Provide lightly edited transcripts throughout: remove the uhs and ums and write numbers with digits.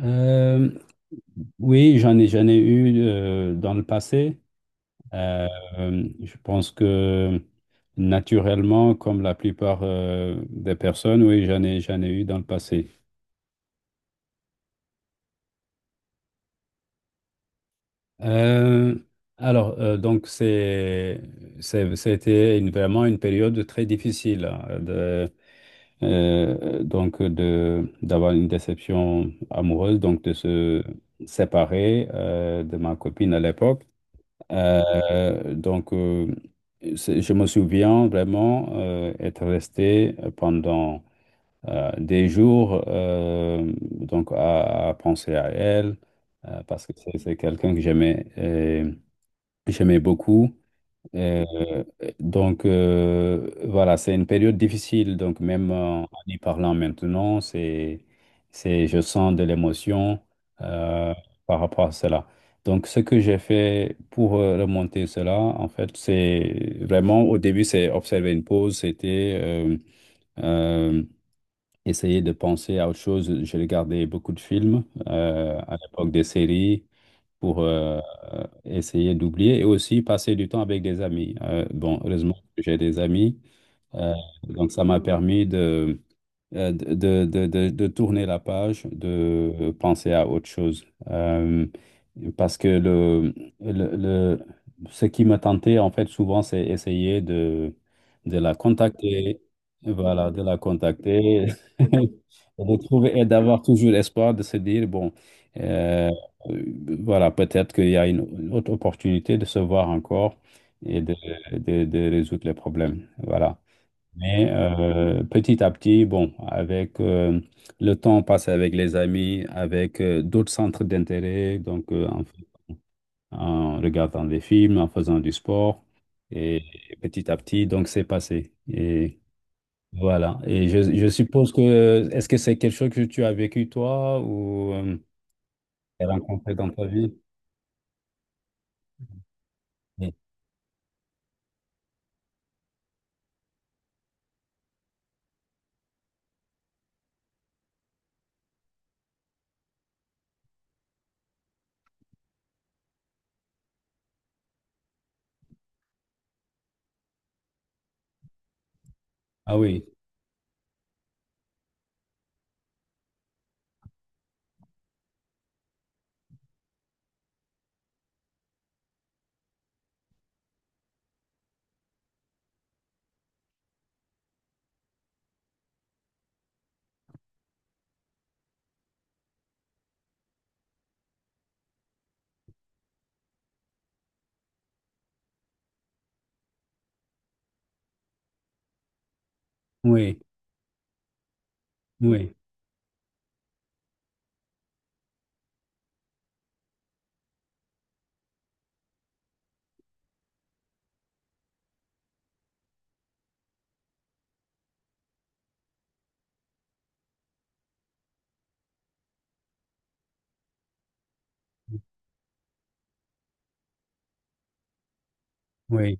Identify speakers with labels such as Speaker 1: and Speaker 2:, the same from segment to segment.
Speaker 1: Euh, oui, j'en ai eu dans le passé. Euh, je pense que naturellement, comme la plupart des personnes, oui, j'en ai eu dans le passé. Euh, alors, euh, donc, c'est, Vraiment une période très difficile, hein, de d'avoir une déception amoureuse, donc de se séparer de ma copine à l'époque. Euh, donc, euh, je me souviens vraiment être resté pendant des jours donc à penser à elle parce que c'est quelqu'un que j'aimais beaucoup. Euh, voilà, c'est une période difficile. Donc même en, en y parlant maintenant, c'est, je sens de l'émotion euh, par rapport à cela. Donc ce que j'ai fait pour remonter cela, en fait, c'est vraiment au début, c'est observer une pause, c'était euh, essayer de penser à autre chose. J'ai regardé beaucoup de films à l'époque des séries pour essayer d'oublier et aussi passer du temps avec des amis. Bon, heureusement que j'ai des amis, euh, donc ça m'a permis de tourner la page, de penser à autre chose. Parce que le, le- ce qui me tentait, en fait, souvent, c'est essayer de la contacter, voilà, de la contacter, et de trouver, et d'avoir toujours espoir de se dire, euh, voilà, peut-être qu'il y a une autre opportunité de se voir encore et de résoudre les problèmes. Voilà. Mais petit à petit, bon, avec le temps passé avec les amis, avec d'autres centres d'intérêt, en regardant des films, en faisant du sport, et petit à petit, donc c'est passé. Et voilà. Et je suppose que, est-ce que c'est quelque chose que tu as vécu toi ou tu as rencontré dans ta vie? Oui. Ah oui, oui, oui, oui,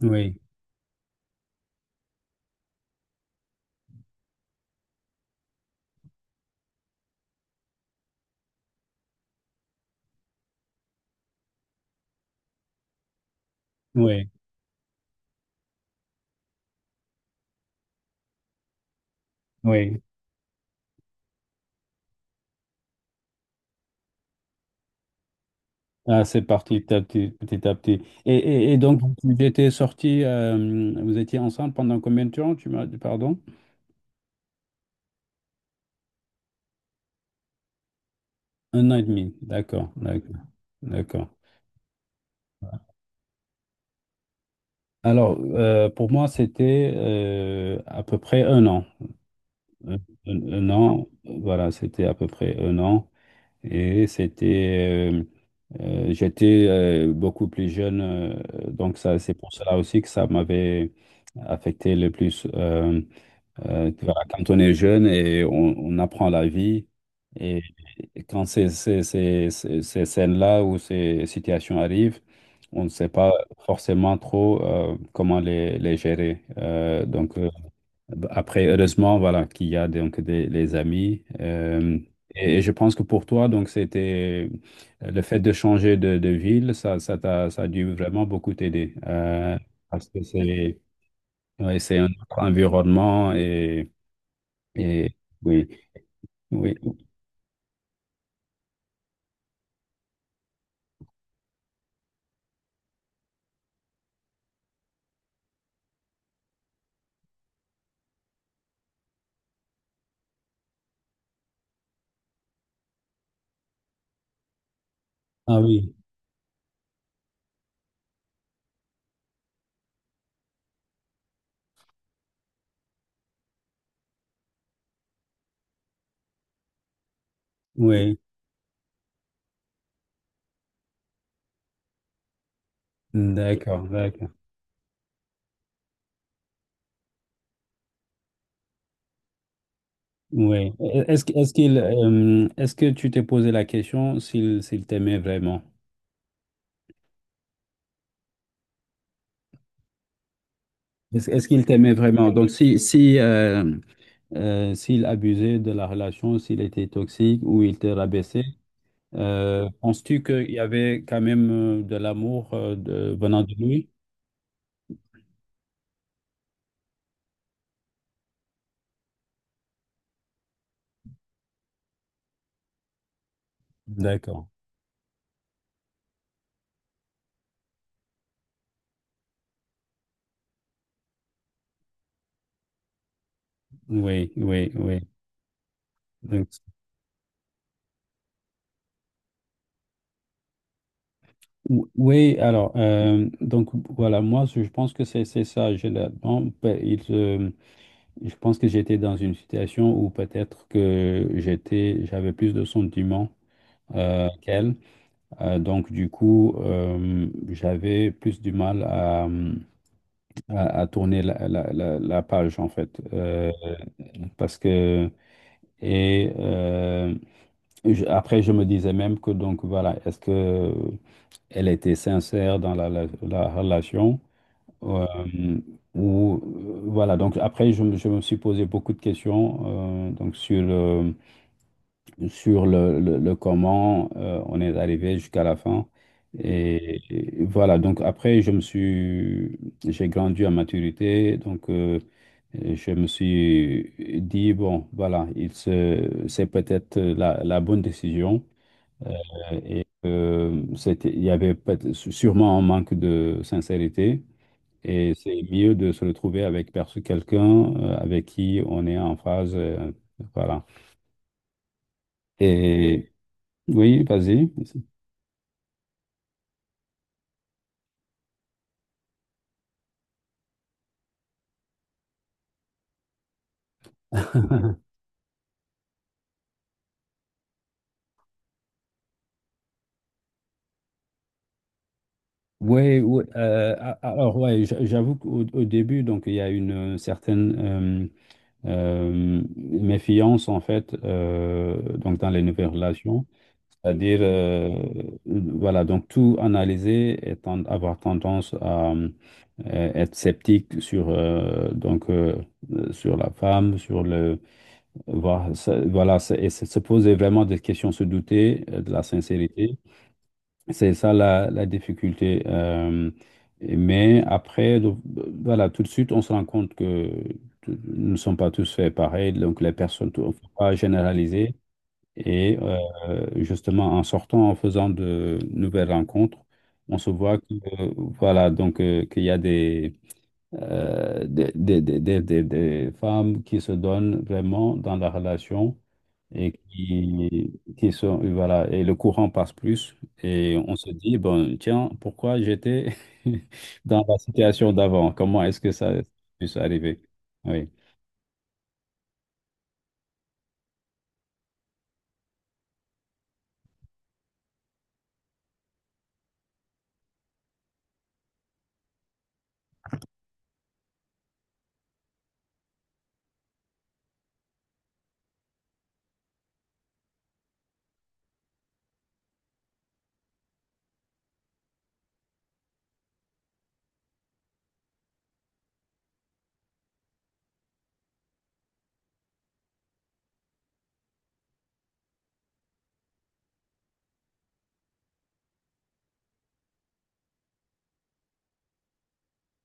Speaker 1: oui, oui, oui, oui. Ah, c'est parti petit à petit, petit à petit. Et et donc, vous étiez ensemble pendant combien de temps, tu m'as dit, pardon? Un an et demi, d'accord, d'accord, d'accord. Alors, pour moi, c'était à peu près un an. Un, un an, voilà, c'était à peu près un an. Et c'était, j'étais beaucoup plus jeune, donc ça, c'est pour cela aussi que ça m'avait affecté le plus. Tu vois, quand on est jeune et on apprend la vie, et, et quand ces scènes-là ou ces situations arrivent, on ne sait pas forcément trop comment les gérer. Après, heureusement, voilà, qu'il y a les amis. Et et, je pense que pour toi, donc, c'était le fait de changer de ville, ça ça a dû vraiment beaucoup t'aider. Parce que ouais, c'est un autre environnement et. Et oui, oui. Ah oui, oui. D'accord, d'accord. Oui. Est-ce qu'il, est-ce que tu t'es posé la question s'il, s'il t'aimait vraiment? Est-ce qu'il t'aimait vraiment? Donc, si s'il abusait de la relation, s'il était toxique ou il te rabaissait, penses-tu qu'il y avait quand même de l'amour venant de lui? D'accord. Oui, oui, oui. Ou- Oui, alors, voilà, moi, je pense que c'est ça. J'ai la- bon, pe- je pense que j'étais dans une situation où peut-être que j'avais plus de sentiments qu'elle. Donc, du coup, j'avais plus du mal à tourner la page, en fait. Parce que, et je- Après, je me disais même que, donc, voilà, est-ce que elle était sincère dans la relation. euh, ou, voilà, donc après, je me suis posé beaucoup de questions donc sur le comment on est arrivé jusqu'à la fin. Et voilà, donc après, j'ai grandi en maturité, et je me suis dit, bon, voilà, il se, c'est peut-être la bonne décision. Et c'était, il y avait peut- sûrement un manque de sincérité. Et c'est mieux de se retrouver avec perso- quelqu'un avec qui on est en phase. Voilà. Et oui, vas-y. Oui, oui, alors ouais, j'a- j'avoue qu'au au début, donc il y a une certaine méfiance, en fait, donc dans les nouvelles relations. C'est-à-dire, voilà, donc tout analyser et ten- avoir tendance à être sceptique sur, sur la femme, sur le. Voir, ça- voilà, c'est- et se poser vraiment des questions, se douter de la sincérité. C'est ça la, la difficulté. Mais après, donc, voilà, tout de suite, on se rend compte que t- nous ne sommes pas tous faits pareil. Donc, les personnes, tout- on ne peut pas généraliser. Et justement, en sortant, en faisant de nouvelles rencontres, on se voit que, euh, voilà, qu'il y a des, des femmes qui se donnent vraiment dans la relation et qui sont, et voilà, et le courant passe plus. Et on se dit, bon, tiens, pourquoi j'étais dans la situation d'avant? Comment est-ce que ça puisse arriver? Oui,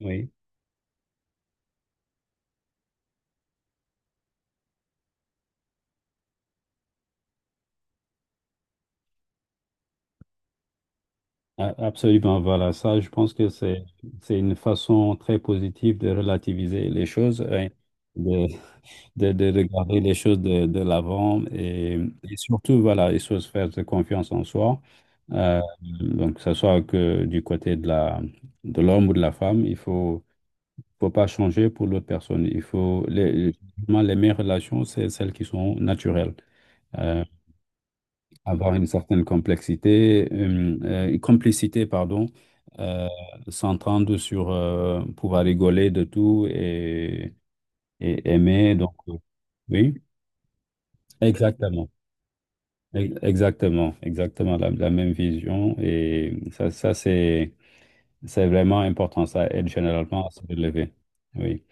Speaker 1: oui, a- absolument. Voilà, ça, je pense que c'est une façon très positive de relativiser les choses, hein, de regarder les choses de l'avant et surtout, voilà, il faut se faire de confiance en soi. Donc, que ce soit que du côté de de l'homme ou de la femme, il faut, faut pas changer pour l'autre personne. Il faut, les, vraiment, les meilleures relations, c'est celles qui sont naturelles. Euh, Avoir une certaine complexité, complicité, pardon, euh, s'entendre sur pouvoir rigoler de tout et aimer. Oui, exactement. Ex- Exactement, exactement la même vision. Et ça, c'est vraiment important. Ça aide généralement à se relever. Oui.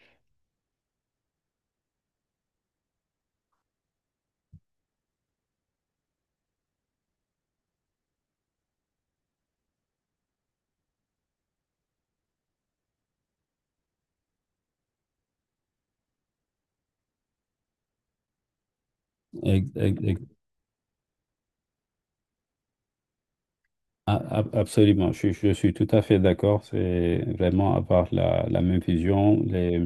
Speaker 1: Ex- ex- ex- a- a- absolument. Je suis tout à fait d'accord. C'est vraiment avoir la même vision.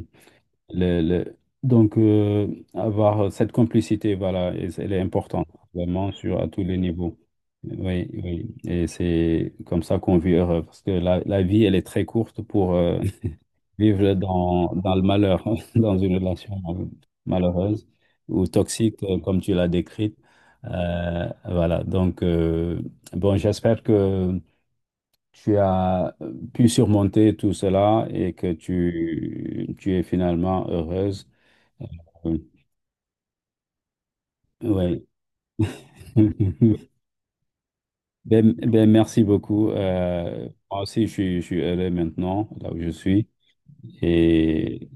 Speaker 1: Les- Donc, euh, Avoir cette complicité, voilà, et c'est- elle est importante, vraiment, sur, à tous les niveaux. Oui, oui. Et c'est comme ça qu'on vit heureux. Parce que la vie, elle est très courte pour vivre dans le malheur, dans une relation malheureuse ou toxique, comme tu l'as décrite. Euh, voilà, donc, euh, bon, j'espère que tu as pu surmonter tout cela et que tu es finalement heureuse. Euh, ouais. Ben, ben, merci beaucoup. Moi aussi, je suis heureux maintenant, là où je suis. Et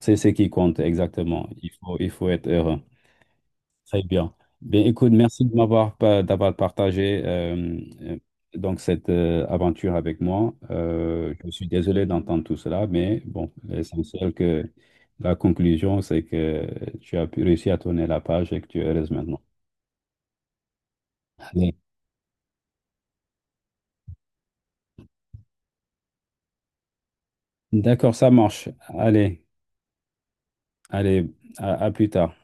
Speaker 1: c'est ce qui compte exactement. Il faut être heureux. Très bien. Bien, écoute, merci de m'avoir pa- d'avoir partagé donc cette aventure avec moi. Je suis désolé d'entendre tout cela, mais bon, l'essentiel que la conclusion, c'est que tu as pu réussir à tourner la page et que tu es heureuse maintenant. Allez. D'accord, ça marche. Allez, allez, à plus tard.